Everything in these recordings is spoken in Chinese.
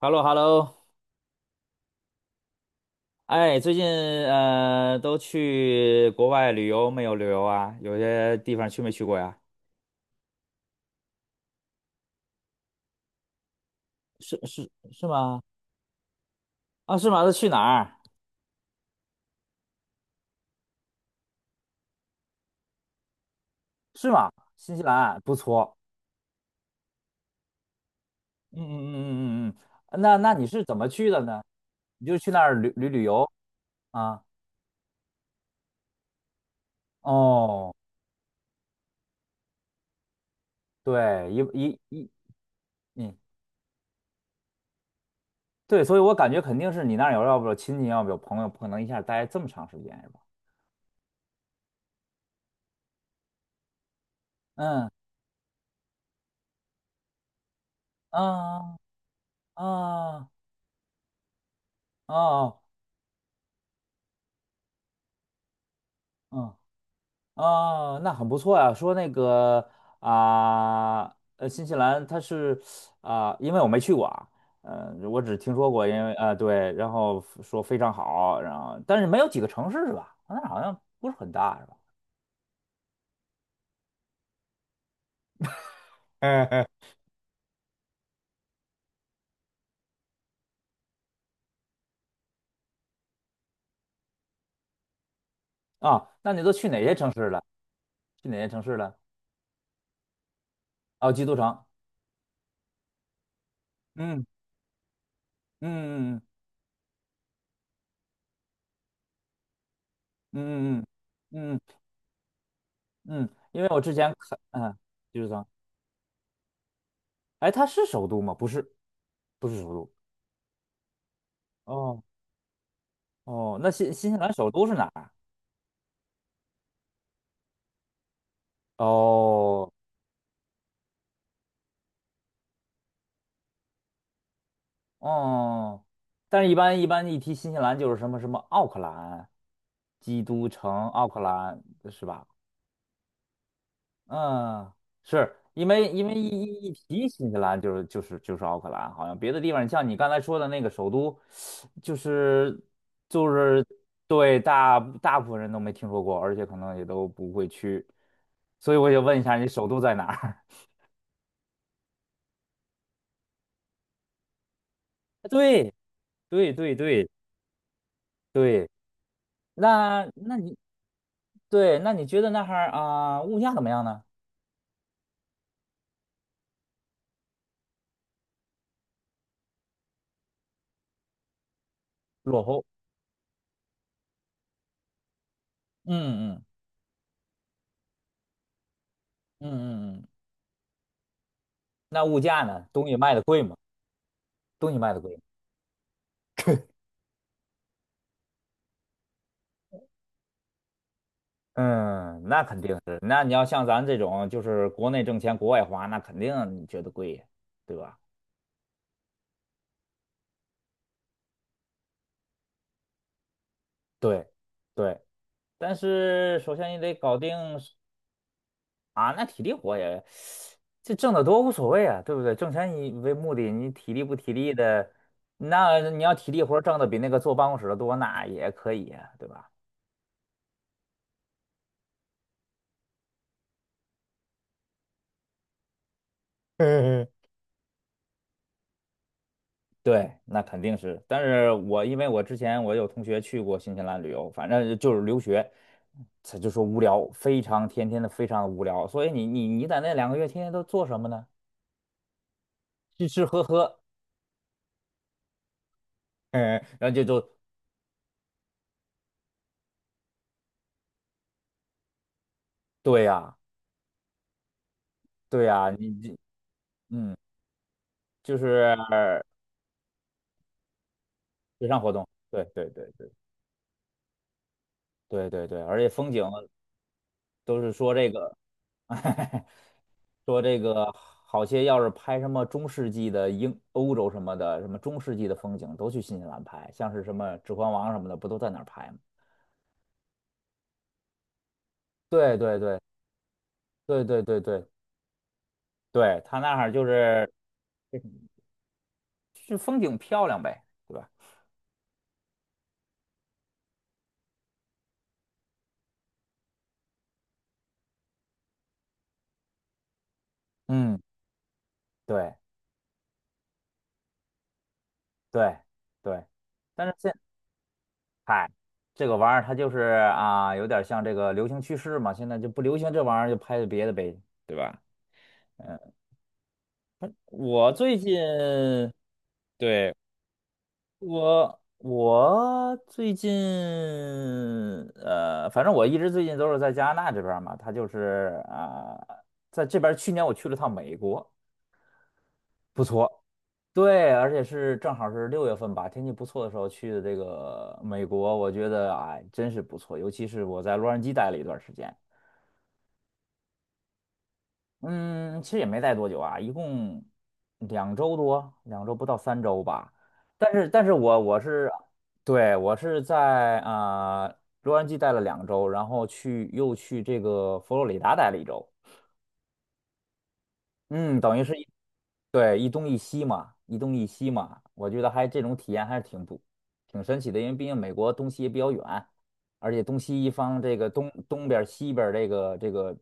Hello Hello 哎，最近都去国外旅游没有旅游啊？有些地方去没去过呀？是是是吗？啊，是吗？都去哪儿？是吗？新西兰不错。嗯嗯嗯嗯嗯。嗯，那你是怎么去的呢？你就去那儿旅游啊？哦，对，一一一，嗯，对，所以我感觉肯定是你那儿有，要不有亲戚，要不有朋友，不可能一下待这么长时间是吧？嗯啊啊啊哦嗯。啊，那很不错呀。说那个啊，新西兰它是啊，因为我没去过啊，我只听说过，因为啊、对，然后说非常好，然后但是没有几个城市是吧？那好像不是很大是吧？啊，那你都去哪些城市了？去哪些城市了？哦，基督城。嗯嗯嗯嗯嗯嗯嗯。嗯，因为我之前看，嗯，基督城，哎，它是首都吗？不是，不是首都。哦。哦，那新西兰首都是哪儿？哦。哦，但是一般一提新西兰就是什么什么奥克兰、基督城、奥克兰是吧？嗯，是因为一提新西兰就是奥克兰，好像别的地方，像你刚才说的那个首都，就是就是对大部分人都没听说过，而且可能也都不会去，所以我也问一下你首都在哪儿？对对对对对。那对，那你觉得那哈儿啊、物价怎么样呢？落后。嗯嗯嗯嗯嗯。那物价呢？东西卖的贵吗？东西卖的贵吗？嗯，那肯定是。那你要像咱这种，就是国内挣钱，国外花，那肯定你觉得贵呀，对吧？对对，但是首先你得搞定。啊，那体力活也，这挣得多无所谓啊，对不对？挣钱以为目的，你体力不体力的，那你要体力活儿挣的比那个坐办公室的多，那也可以啊，对吧？嗯嗯，对，那肯定是。但是我因为我之前我有同学去过新西兰旅游，反正就是留学，他就说无聊，非常天天的非常的无聊。所以你在那2个月天天都做什么呢？吃吃喝喝。嗯，然后就对呀、对呀、你这嗯就是。水上活动，对对对对对对对，而且风景都是说这个。说这个好些要是拍什么中世纪的欧洲什么的，什么中世纪的风景都去新西兰拍，像是什么《指环王》什么的，不都在那儿拍吗？对对对对对对对对，他那儿就是就是风景漂亮呗，对吧？嗯，对对对，但是。嗨，这个玩意儿它就是啊，有点像这个流行趋势嘛，现在就不流行这玩意儿，就拍别的呗，对吧？我最近，对，我最近，反正我一直最近都是在加拿大这边儿嘛，他就是啊、在这边儿去年我去了趟美国，不错。对，而且是正好是六月份吧，天气不错的时候去的这个美国，我觉得哎，真是不错，尤其是我在洛杉矶待了一段时间。嗯，其实也没待多久啊，一共2周多，两周不到3周吧。但是我是，对，我是在啊、洛杉矶待了两周，然后又去这个佛罗里达待了一周。嗯，等于是对，一东一西嘛，一东一西嘛，我觉得还这种体验还是挺不挺神奇的，因为毕竟美国东西也比较远，而且东西一方这个东边儿西边儿这个，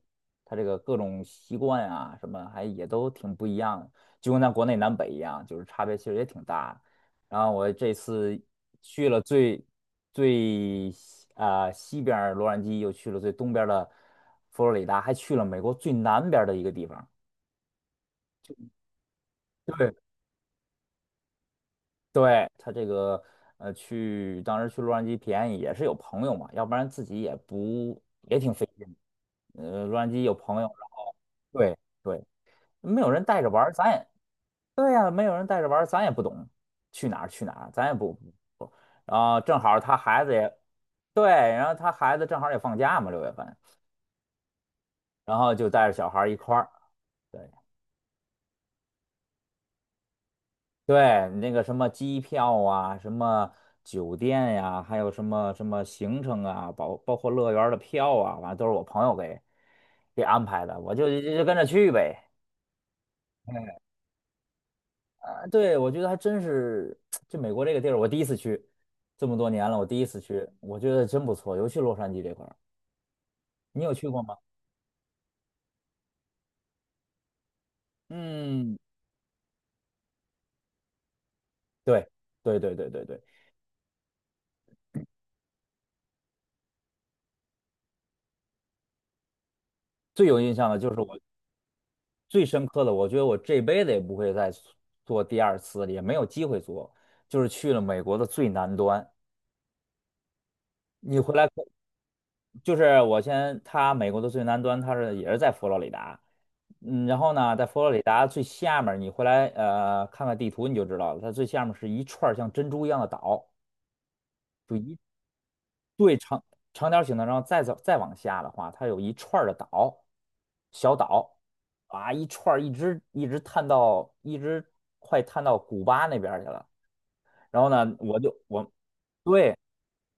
它这个各种习惯啊什么还也都挺不一样的，就跟咱国内南北一样，就是差别其实也挺大的。然后我这次去了最西啊、西边儿洛杉矶，又去了最东边儿的佛罗里达，还去了美国最南边儿的一个地方。对。对，他这个当时去洛杉矶便宜也是有朋友嘛，要不然自己也不也挺费劲的洛杉矶有朋友，然后对对，没有人带着玩儿咱也对呀、没有人带着玩儿咱也不懂去哪儿去哪儿，咱也不。然后正好他孩子也对，然后他孩子正好也放假嘛，六月份，然后就带着小孩儿一块儿。对。对，那个什么机票啊，什么酒店呀、还有什么什么行程啊，包括乐园儿的票啊，反正都是我朋友给安排的，我就跟着去呗。啊，对，我觉得还真是，就美国这个地儿，我第一次去，这么多年了，我第一次去，我觉得真不错，尤其洛杉矶这块儿，你有去过吗？嗯，对，对对对对对，最有印象的就是我。最深刻的，我觉得我这辈子也不会再做第二次了，也没有机会做。就是去了美国的最南端，你回来可就是我先，它美国的最南端，也是在佛罗里达，嗯，然后呢，在佛罗里达最下面儿你回来看看地图你就知道了，它最下面是一串儿像珍珠一样的岛，就一。对，长条形的，然后再走再往下的话，它有一串儿的岛，小岛啊，一串儿一直探到一直快探到古巴那边儿去了。然后呢，我对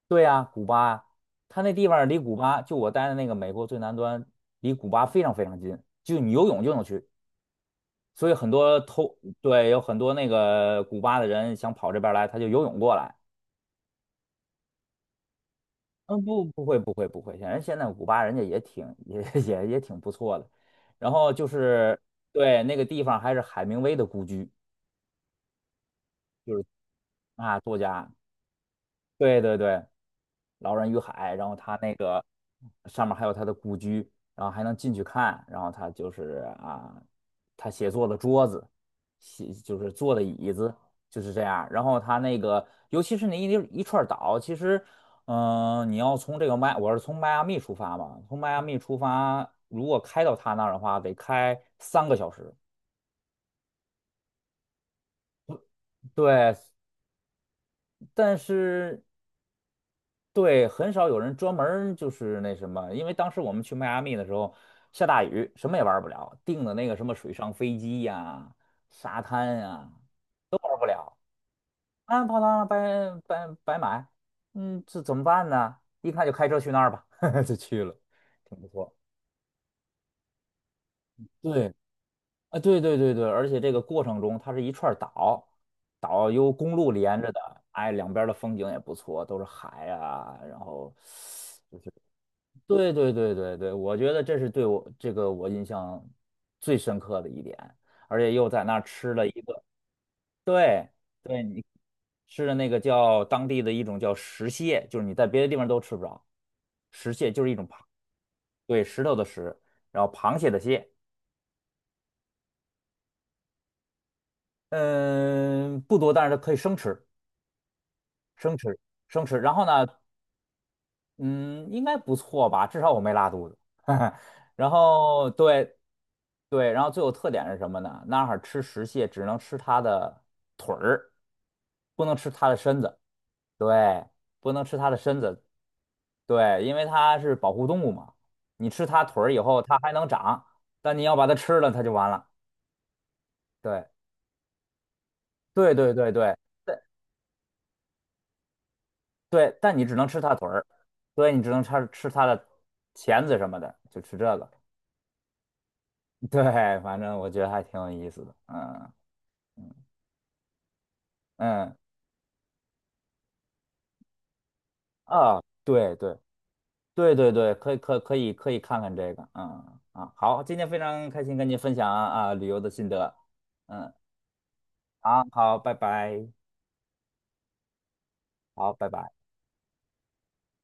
对呀、古巴，它那地方离古巴就我待的那个美国最南端，离古巴非常非常近，就你游泳就能去。所以很多偷，对，有很多那个古巴的人想跑这边儿来，他就游泳过来。嗯，不，不会，不会，不会。显然现在古巴人家也挺也 也挺不错的。然后就是对那个地方还是海明威的故居，就是啊，作家。对对对，《老人与海》，然后他那个上面还有他的故居，然后还能进去看，然后他就是啊，他写作的桌子，就是坐的椅子就是这样然后他那个尤其是那一串岛，其实你要从这个我是从迈阿密出发嘛，从迈阿密出发，如果开到他那儿的话，得开3个小时，对。但是对，很少有人专门儿就是那什么，因为当时我们去迈阿密的时候下大雨，什么也玩不了，订的那个什么水上飞机呀、沙滩呀、都玩不了，啊，泡汤了，白白买，嗯，这怎么办呢？一看就开车去那儿吧，就去了，挺不错。对，啊，对对对对，而且这个过程中它是一串儿岛，岛由公路连着的，哎，两边儿的风景也不错，都是海啊，然后对对对对对，我觉得这是对我我印象最深刻的一点，而且又在那儿吃了一个，对对，你吃的那个叫当地的一种叫石蟹，就是你在别的地方都吃不着，石蟹就是一种螃，对，石头的石，然后螃蟹的蟹，嗯，不多，但是它可以生吃，生吃，生吃。然后呢，嗯，应该不错吧，至少我没拉肚子。然后对对，然后最有特点是什么呢？那儿吃石蟹只能吃它的腿儿，不能吃它的身子。对，不能吃它的身子。对，因为它是保护动物嘛，你吃它腿儿以后，它还能长，但你要把它吃了，它就完了。对，对对对对对对，但你只能吃它腿儿，所以你只能吃吃它的钳子什么的，就吃这个。对，反正我觉得还挺有意思的。嗯嗯啊，对对对对对，可以看看这个。嗯啊，好，今天非常开心跟你分享啊旅游的心得。嗯，好好，拜拜，好，拜拜。